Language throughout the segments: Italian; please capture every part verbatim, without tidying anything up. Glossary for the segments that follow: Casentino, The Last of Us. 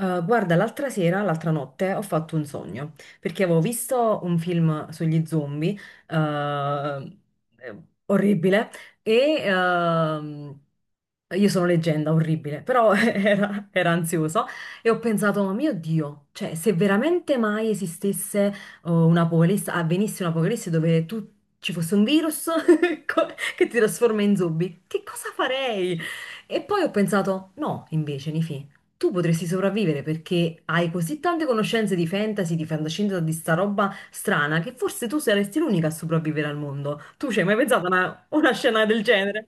Eh, guarda, l'altra sera, l'altra notte, ho fatto un sogno, perché avevo visto un film sugli zombie, eh, eh, orribile, e ehm, io sono leggenda, orribile, però era, era ansioso e ho pensato, ma mio Dio, cioè se veramente mai esistesse oh, un'apocalisse, avvenisse un'apocalisse dove tu ci fosse un virus co- che ti trasforma in zombie, che cosa farei? E poi ho pensato, no, invece, Nifì. Tu potresti sopravvivere perché hai così tante conoscenze di fantasy, di fantascienza, di sta roba strana che forse tu saresti l'unica a sopravvivere al mondo. Tu ci hai mai pensato a una, una scena del genere?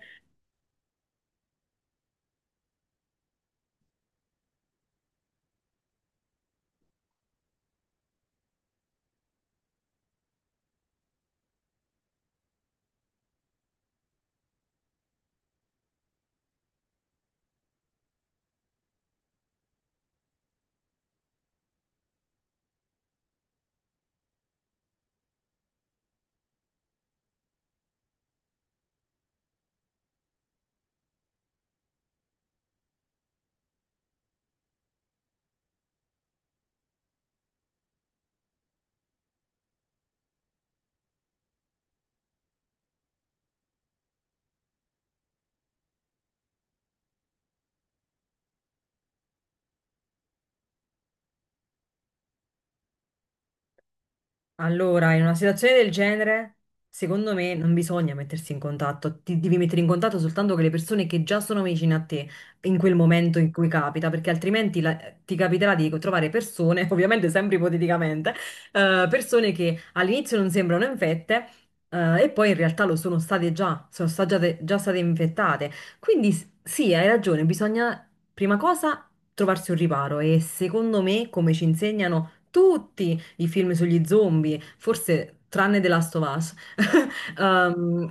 Allora, in una situazione del genere, secondo me non bisogna mettersi in contatto, ti devi mettere in contatto soltanto con le persone che già sono vicine a te in quel momento in cui capita, perché altrimenti la- ti capiterà di trovare persone, ovviamente sempre ipoteticamente, eh, persone che all'inizio non sembrano infette, eh, e poi in realtà lo sono state già, sono sta- già, già state infettate. Quindi s- sì, hai ragione, bisogna prima cosa trovarsi un riparo e secondo me, come ci insegnano tutti, i film sugli zombie, forse tranne The Last of Us, ehm,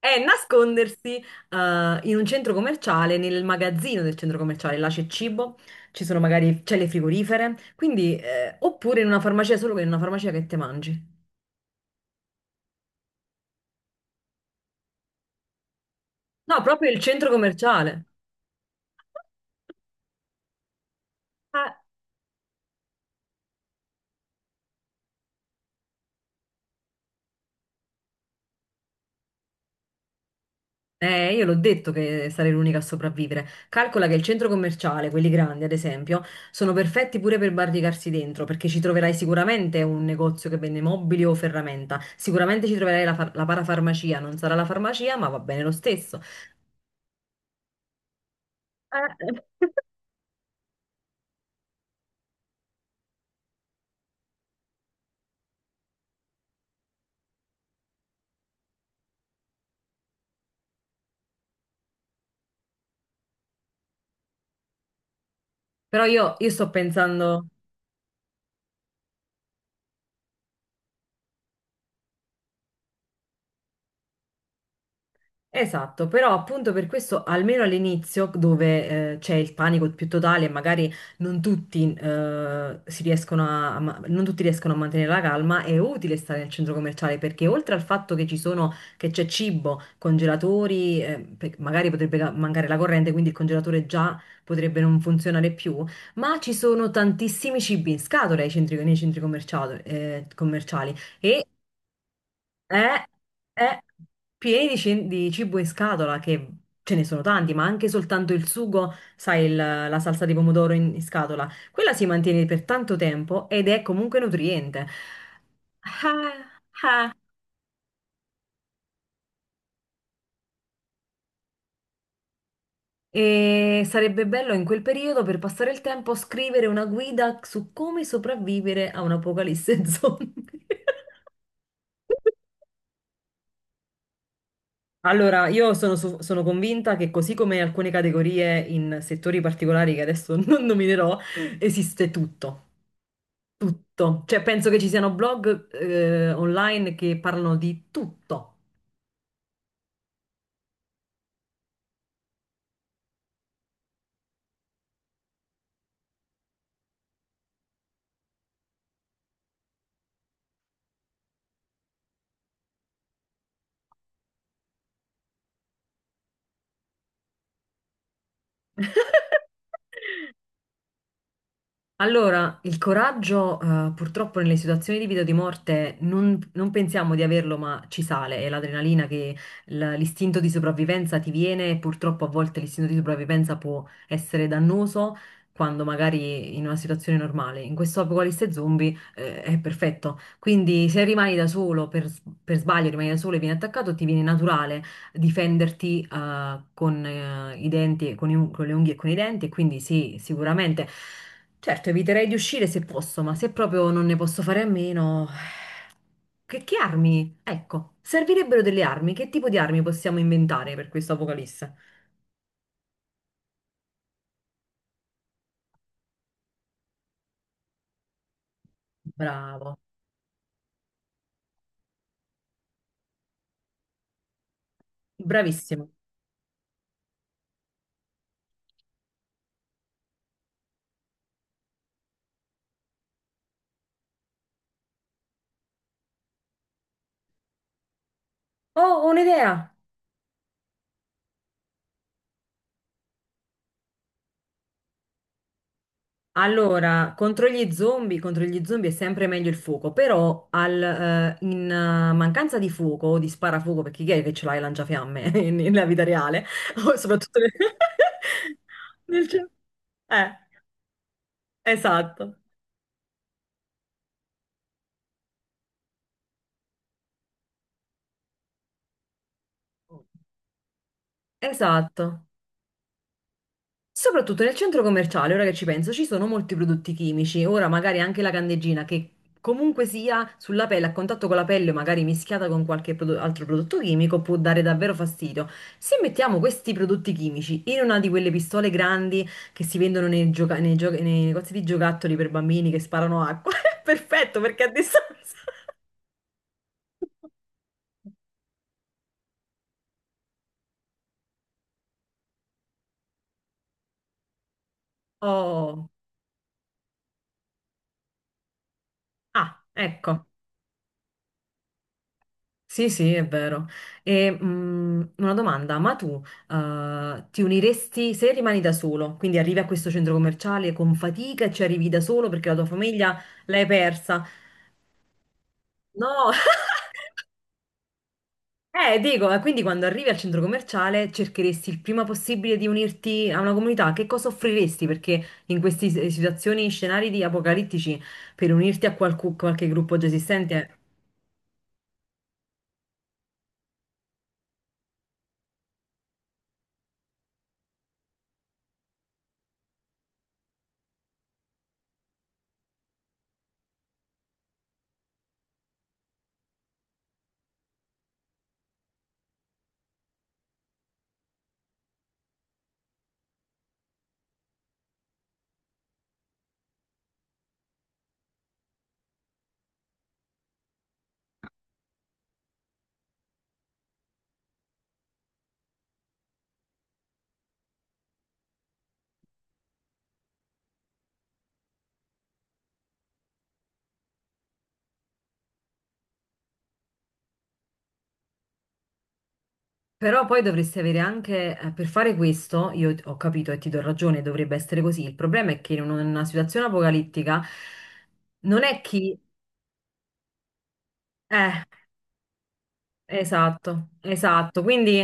è nascondersi eh, in un centro commerciale, nel magazzino del centro commerciale, là c'è cibo, ci sono magari celle frigorifere, quindi, eh, oppure in una farmacia, solo che in una farmacia che te mangi. No, proprio il centro commerciale. Eh, io l'ho detto che sarei l'unica a sopravvivere. Calcola che il centro commerciale, quelli grandi ad esempio, sono perfetti pure per barricarsi dentro, perché ci troverai sicuramente un negozio che vende mobili o ferramenta. Sicuramente ci troverai la, far- la parafarmacia, non sarà la farmacia, ma va bene lo stesso. Eh. Però io, io sto pensando. Esatto, però appunto per questo, almeno all'inizio, dove eh, c'è il panico più totale e magari non tutti, eh, si riescono a, a ma- non tutti riescono a mantenere la calma, è utile stare nel centro commerciale perché oltre al fatto che ci sono, che c'è cibo, congelatori, eh, pe- magari potrebbe ca- mancare la corrente, quindi il congelatore già potrebbe non funzionare più, ma ci sono tantissimi cibi in scatola ai centri- nei centri commerciali, eh, commerciali. Eh, eh, pieni di, cin- di cibo in scatola, che ce ne sono tanti, ma anche soltanto il sugo, sai, il- la salsa di pomodoro in, in scatola, quella si mantiene per tanto tempo ed è comunque nutriente. Ah, e sarebbe bello in quel periodo, per passare il tempo, scrivere una guida su come sopravvivere a un'apocalisse zombie. Allora, io sono, su- sono convinta che così come alcune categorie in settori particolari che adesso non nominerò, esiste tutto. Tutto. Cioè, penso che ci siano blog, eh, online che parlano di tutto. Allora, il coraggio, eh, purtroppo nelle situazioni di vita o di morte non, non pensiamo di averlo, ma ci sale. È l'adrenalina che l- l'istinto di sopravvivenza ti viene e purtroppo a volte l'istinto di sopravvivenza può essere dannoso quando magari in una situazione normale. In questo apocalisse zombie, eh, è perfetto. Quindi se rimani da solo, per, per sbaglio rimani da solo e vieni attaccato, ti viene naturale difenderti eh, con eh, i denti, e con, i un- con le unghie e con i denti, e quindi sì, sicuramente. Certo, eviterei di uscire se posso, ma se proprio non ne posso fare a meno, che, che armi? Ecco, servirebbero delle armi. Che tipo di armi possiamo inventare per questo apocalisse? Bravo, bravissimo. Oh, ho un'idea! Allora, contro gli zombie, contro gli zombie è sempre meglio il fuoco, però al, eh, in eh, mancanza di fuoco o di sparafuoco, perché chi è che ce l'ha il lanciafiamme in- nella vita reale? O soprattutto nel... nel... ce- Eh, esatto. Esatto. Soprattutto nel centro commerciale, ora che ci penso, ci sono molti prodotti chimici. Ora magari anche la candeggina che comunque sia sulla pelle, a contatto con la pelle, o magari mischiata con qualche prodo- altro prodotto chimico, può dare davvero fastidio. Se mettiamo questi prodotti chimici in una di quelle pistole grandi che si vendono nei, gioca- nei gio- nei negozi di giocattoli per bambini che sparano acqua, è perfetto perché a distanza... Oh, ah, ecco. Sì, sì, è vero. E, mh, una domanda, ma tu, eh, ti uniresti se rimani da solo? Quindi arrivi a questo centro commerciale con fatica e ci arrivi da solo perché la tua famiglia l'hai persa. No! Eh, dico, eh, quindi quando arrivi al centro commerciale cercheresti il prima possibile di unirti a una comunità, che cosa offriresti? Perché in queste situazioni, scenari di apocalittici, per unirti a qualcu- qualche gruppo già esistente. Però poi dovresti avere anche, eh, per fare questo, io t- ho capito e ti do ragione, dovrebbe essere così. Il problema è che in un- in una situazione apocalittica non è chi... Eh, esatto, esatto. Quindi,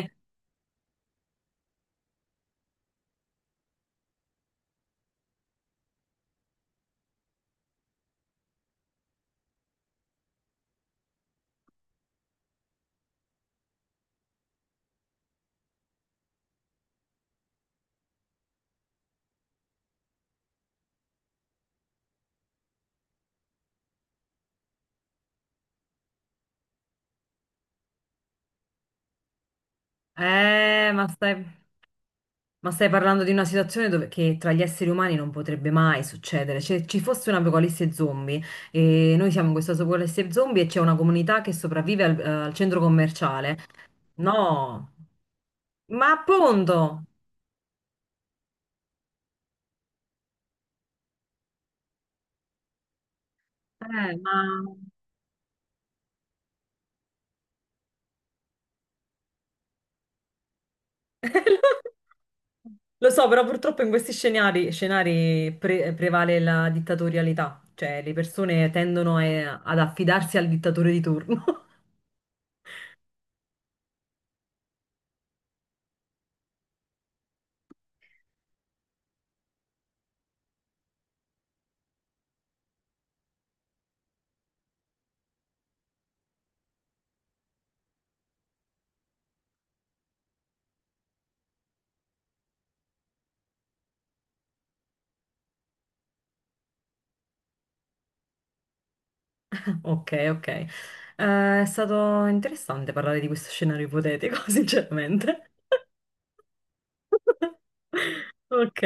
eh, ma stai, ma stai parlando di una situazione dove, che tra gli esseri umani non potrebbe mai succedere. Se ci fosse un'apocalisse zombie e noi siamo in questa apocalisse zombie e c'è una comunità che sopravvive al eh, al centro commerciale. No, ma appunto, eh, ma lo so, però purtroppo in questi scenari, scenari pre- prevale la dittatorialità, cioè le persone tendono eh, ad affidarsi al dittatore di turno. Ok, ok. Eh, è stato interessante parlare di questo scenario ipotetico, sinceramente. Ok.